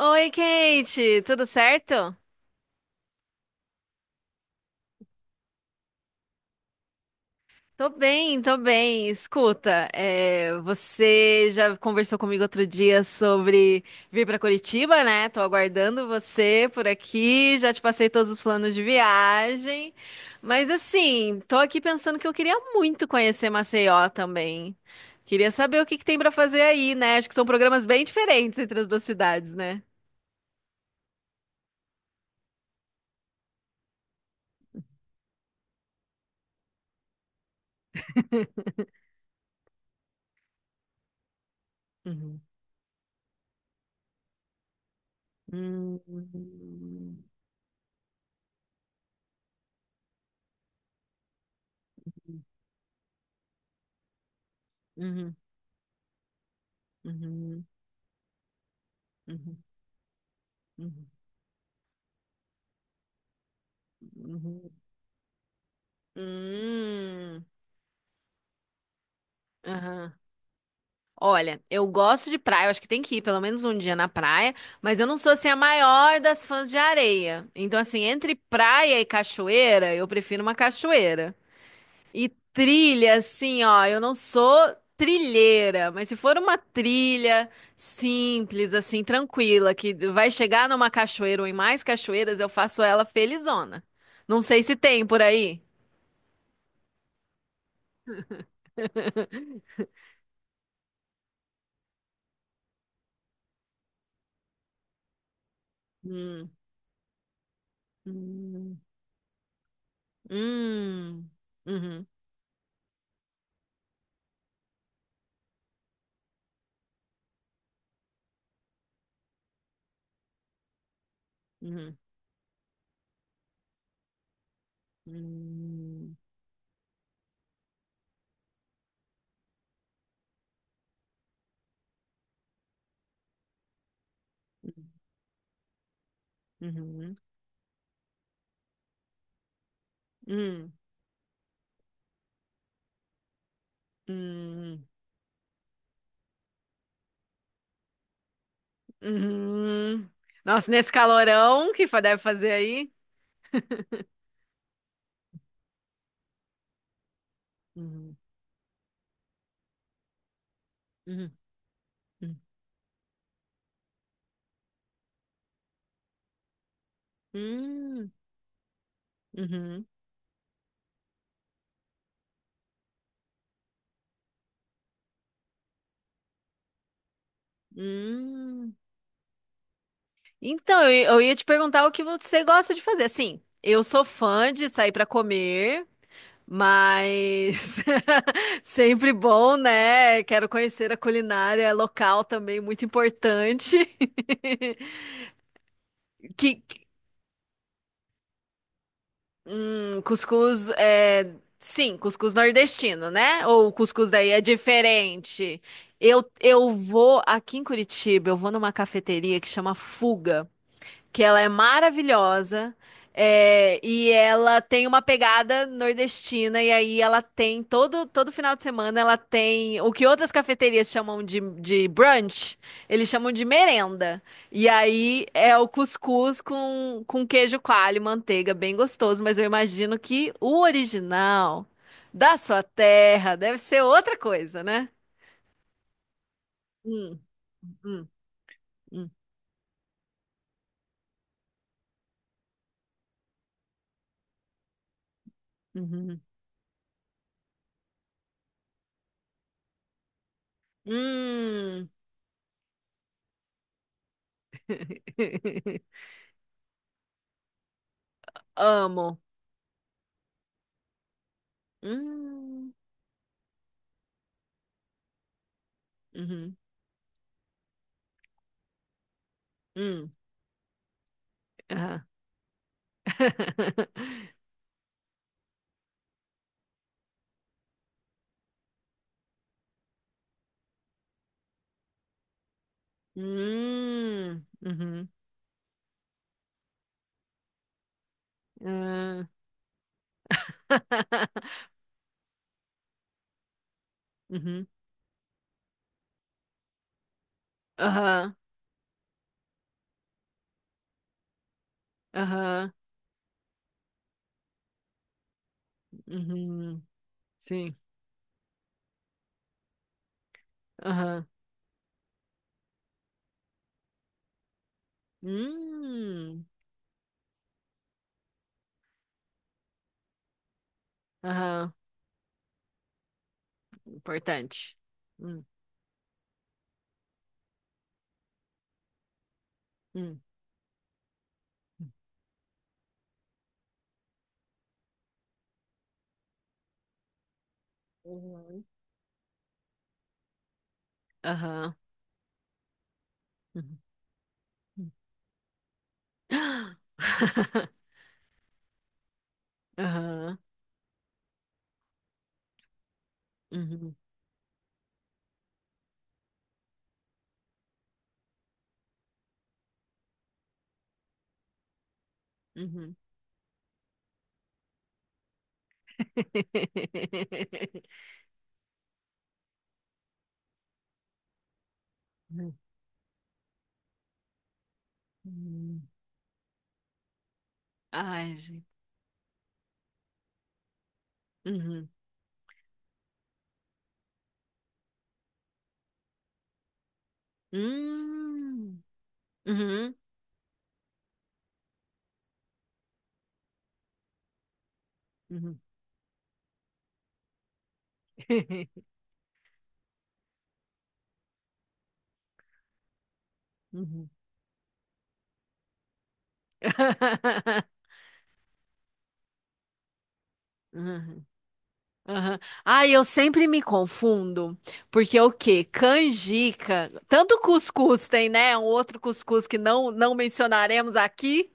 Oi, Kate, tudo certo? Tô bem, tô bem. Escuta, você já conversou comigo outro dia sobre vir pra Curitiba, né? Tô aguardando você por aqui, já te passei todos os planos de viagem. Mas assim, tô aqui pensando que eu queria muito conhecer Maceió também. Queria saber o que que tem pra fazer aí, né? Acho que são programas bem diferentes entre as duas cidades, né? Uhum. Hum, uhum, uhum, uhum, uhum. Uhum. Hum, aham. Olha, eu gosto de praia, eu acho que tem que ir pelo menos um dia na praia, mas eu não sou assim a maior das fãs de areia. Então, assim, entre praia e cachoeira, eu prefiro uma cachoeira. E trilha, assim, ó, eu não sou trilheira, mas se for uma trilha simples, assim, tranquila, que vai chegar numa cachoeira ou em mais cachoeiras, eu faço ela felizona. Não sei se tem por aí. Hum. Hum. Uhum. Uhum. Hum. Uhum. Hum. Hum. Uhum. Nossa, nesse calorão que deve fazer aí? Uhum. Uhum. Uhum. Uhum. Uhum. Então, eu ia te perguntar o que você gosta de fazer. Assim, eu sou fã de sair para comer, mas sempre bom, né? Quero conhecer a culinária local também, muito importante. que cuscuz é. Sim, cuscuz nordestino, né? Ou o cuscuz daí é diferente. Eu vou aqui em Curitiba, eu vou numa cafeteria que chama Fuga que ela é maravilhosa, e ela tem uma pegada nordestina, e aí ela tem todo final de semana ela tem o que outras cafeterias chamam de brunch, eles chamam de merenda. E aí é o cuscuz com queijo coalho e manteiga, bem gostoso, mas eu imagino que o original da sua terra deve ser outra coisa, né? Hum, hum, hum, uhum. Hum. Amo. Hum, uhum, hum, aham. Uhum, ah. Uhum, aham, aham, uhum, sim, aham, hum, aham, importante. Hum, hum, uhum, aham, uhum, uhum. Aham, uhum, uhum. Hum, hum. Ai, gente. Uhum. Hum. Uhum. Uhum. Uhum. Uhum. Uhum. Ai, eu sempre me confundo, porque o quê? Canjica, tanto cuscuz tem, né? Um outro cuscuz que não mencionaremos aqui,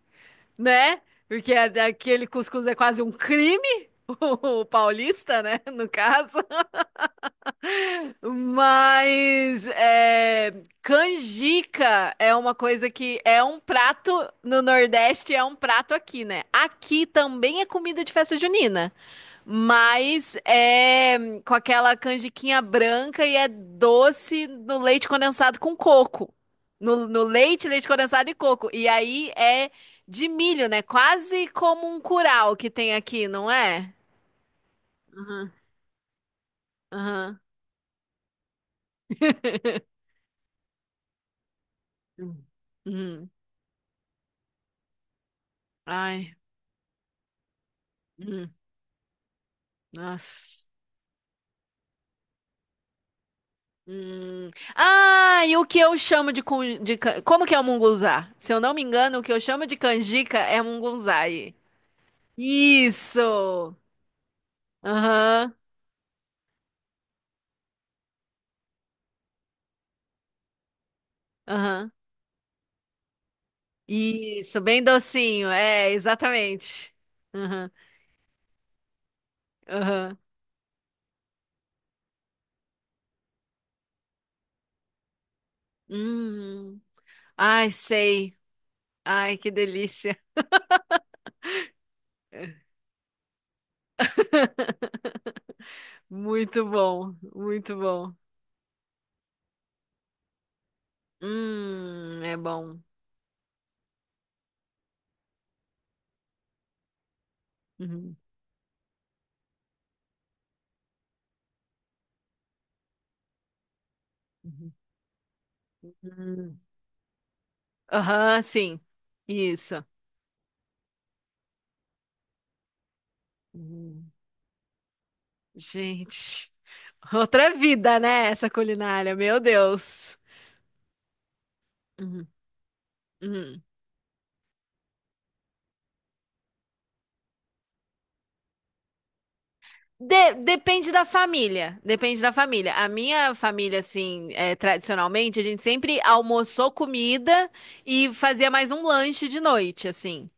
né? Porque aquele cuscuz é quase um crime, o paulista, né? No caso. Mas canjica é uma coisa que é um prato no Nordeste, é um prato aqui, né? Aqui também é comida de festa junina, mas é com aquela canjiquinha branca e é doce no leite condensado com coco. No leite condensado e coco. E aí é de milho, né? Quase como um curau que tem aqui, não é? Aham, aham. Uhum. Ai, hum, nossa. Hum. Ah, e o que eu chamo de. Como que é o munguzá? Se eu não me engano, o que eu chamo de canjica é mungunzai. Isso! Aham, aham. Isso, bem docinho. É, exatamente. Aham, aham. Hum. Ai, sei. Ai, que delícia. Muito bom, muito bom. É bom. Uhum, uhum. Uhum. Aham, sim. Isso. Hum, gente, outra vida, né? Essa culinária, meu Deus. Uhum, uhum. Depende da família. Depende da família. A minha família, assim, tradicionalmente, a gente sempre almoçou comida e fazia mais um lanche de noite, assim.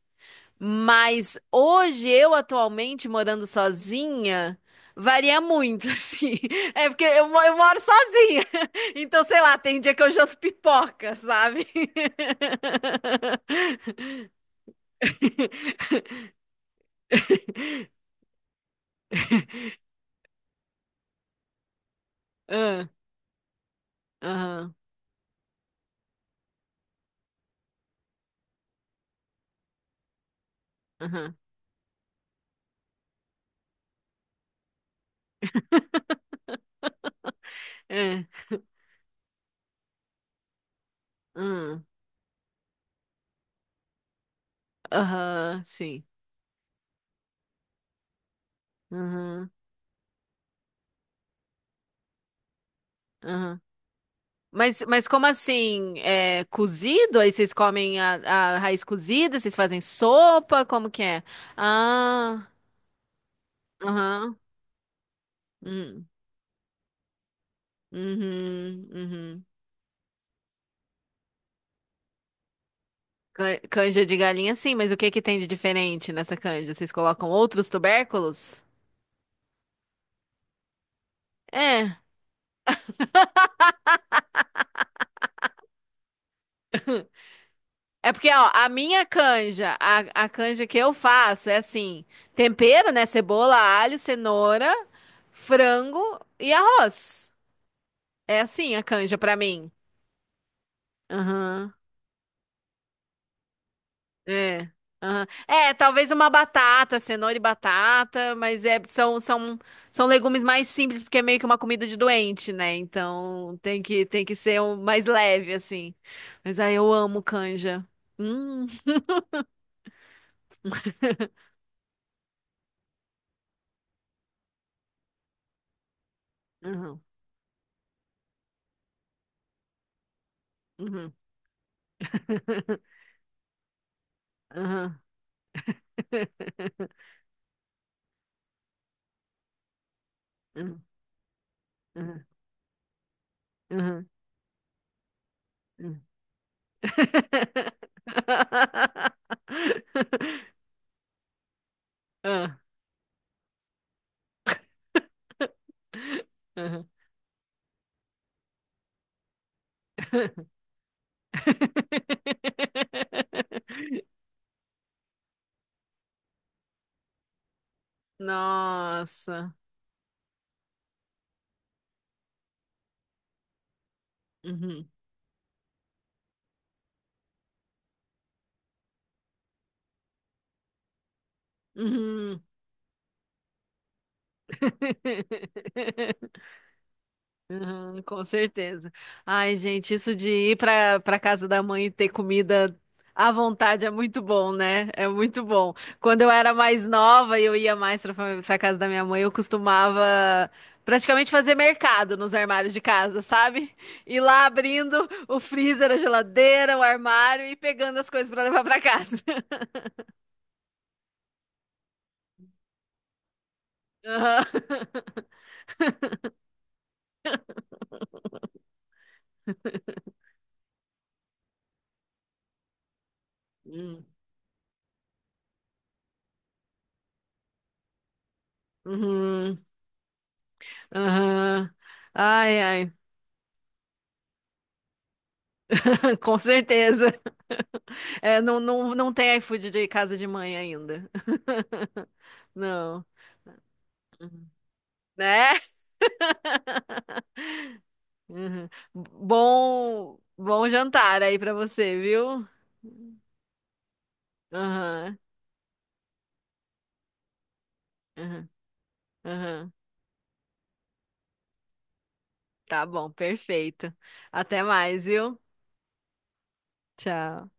Mas hoje, eu atualmente morando sozinha, varia muito, assim. É porque eu moro sozinha. Então, sei lá, tem dia que eu janto pipoca, sabe? Ah, aham, aham, é, hum, aham, sim. Aham, aham. Mas como assim? É cozido? Aí vocês comem a raiz cozida? Vocês fazem sopa? Como que é? Ah, aham. Hum. Uhum, uhum. Canja de galinha, sim, mas o que que tem de diferente nessa canja? Vocês colocam outros tubérculos? É. É porque, ó, a minha canja, a canja que eu faço é assim: tempero, né? Cebola, alho, cenoura, frango e arroz. É assim a canja pra mim. É. Aham. É, talvez uma batata, cenoura e batata, mas são legumes mais simples, porque é meio que uma comida de doente, né? Então tem que ser um mais leve, assim. Mas aí eu amo canja. Hum. Uhum. Uhum. Uhum. Uhum. Uhum. Uhum. Uhum. Ah. Uhum. Nossa. Uhum. Uhum. Com certeza. Ai, gente, isso de ir para casa da mãe e ter comida à vontade é muito bom, né? É muito bom. Quando eu era mais nova e eu ia mais para casa da minha mãe, eu costumava praticamente fazer mercado nos armários de casa, sabe? Ir lá abrindo o freezer, a geladeira, o armário e pegando as coisas para levar para casa. Aham. Hum. Uhum. Aham. Ai, ai. Com certeza. É, não, não, não tem iFood de casa de mãe ainda. Não. Uhum. Né? Uhum. Bom, bom jantar aí pra você, viu? Aham. Aham. Aham. Tá bom, perfeito. Até mais, viu? Tchau.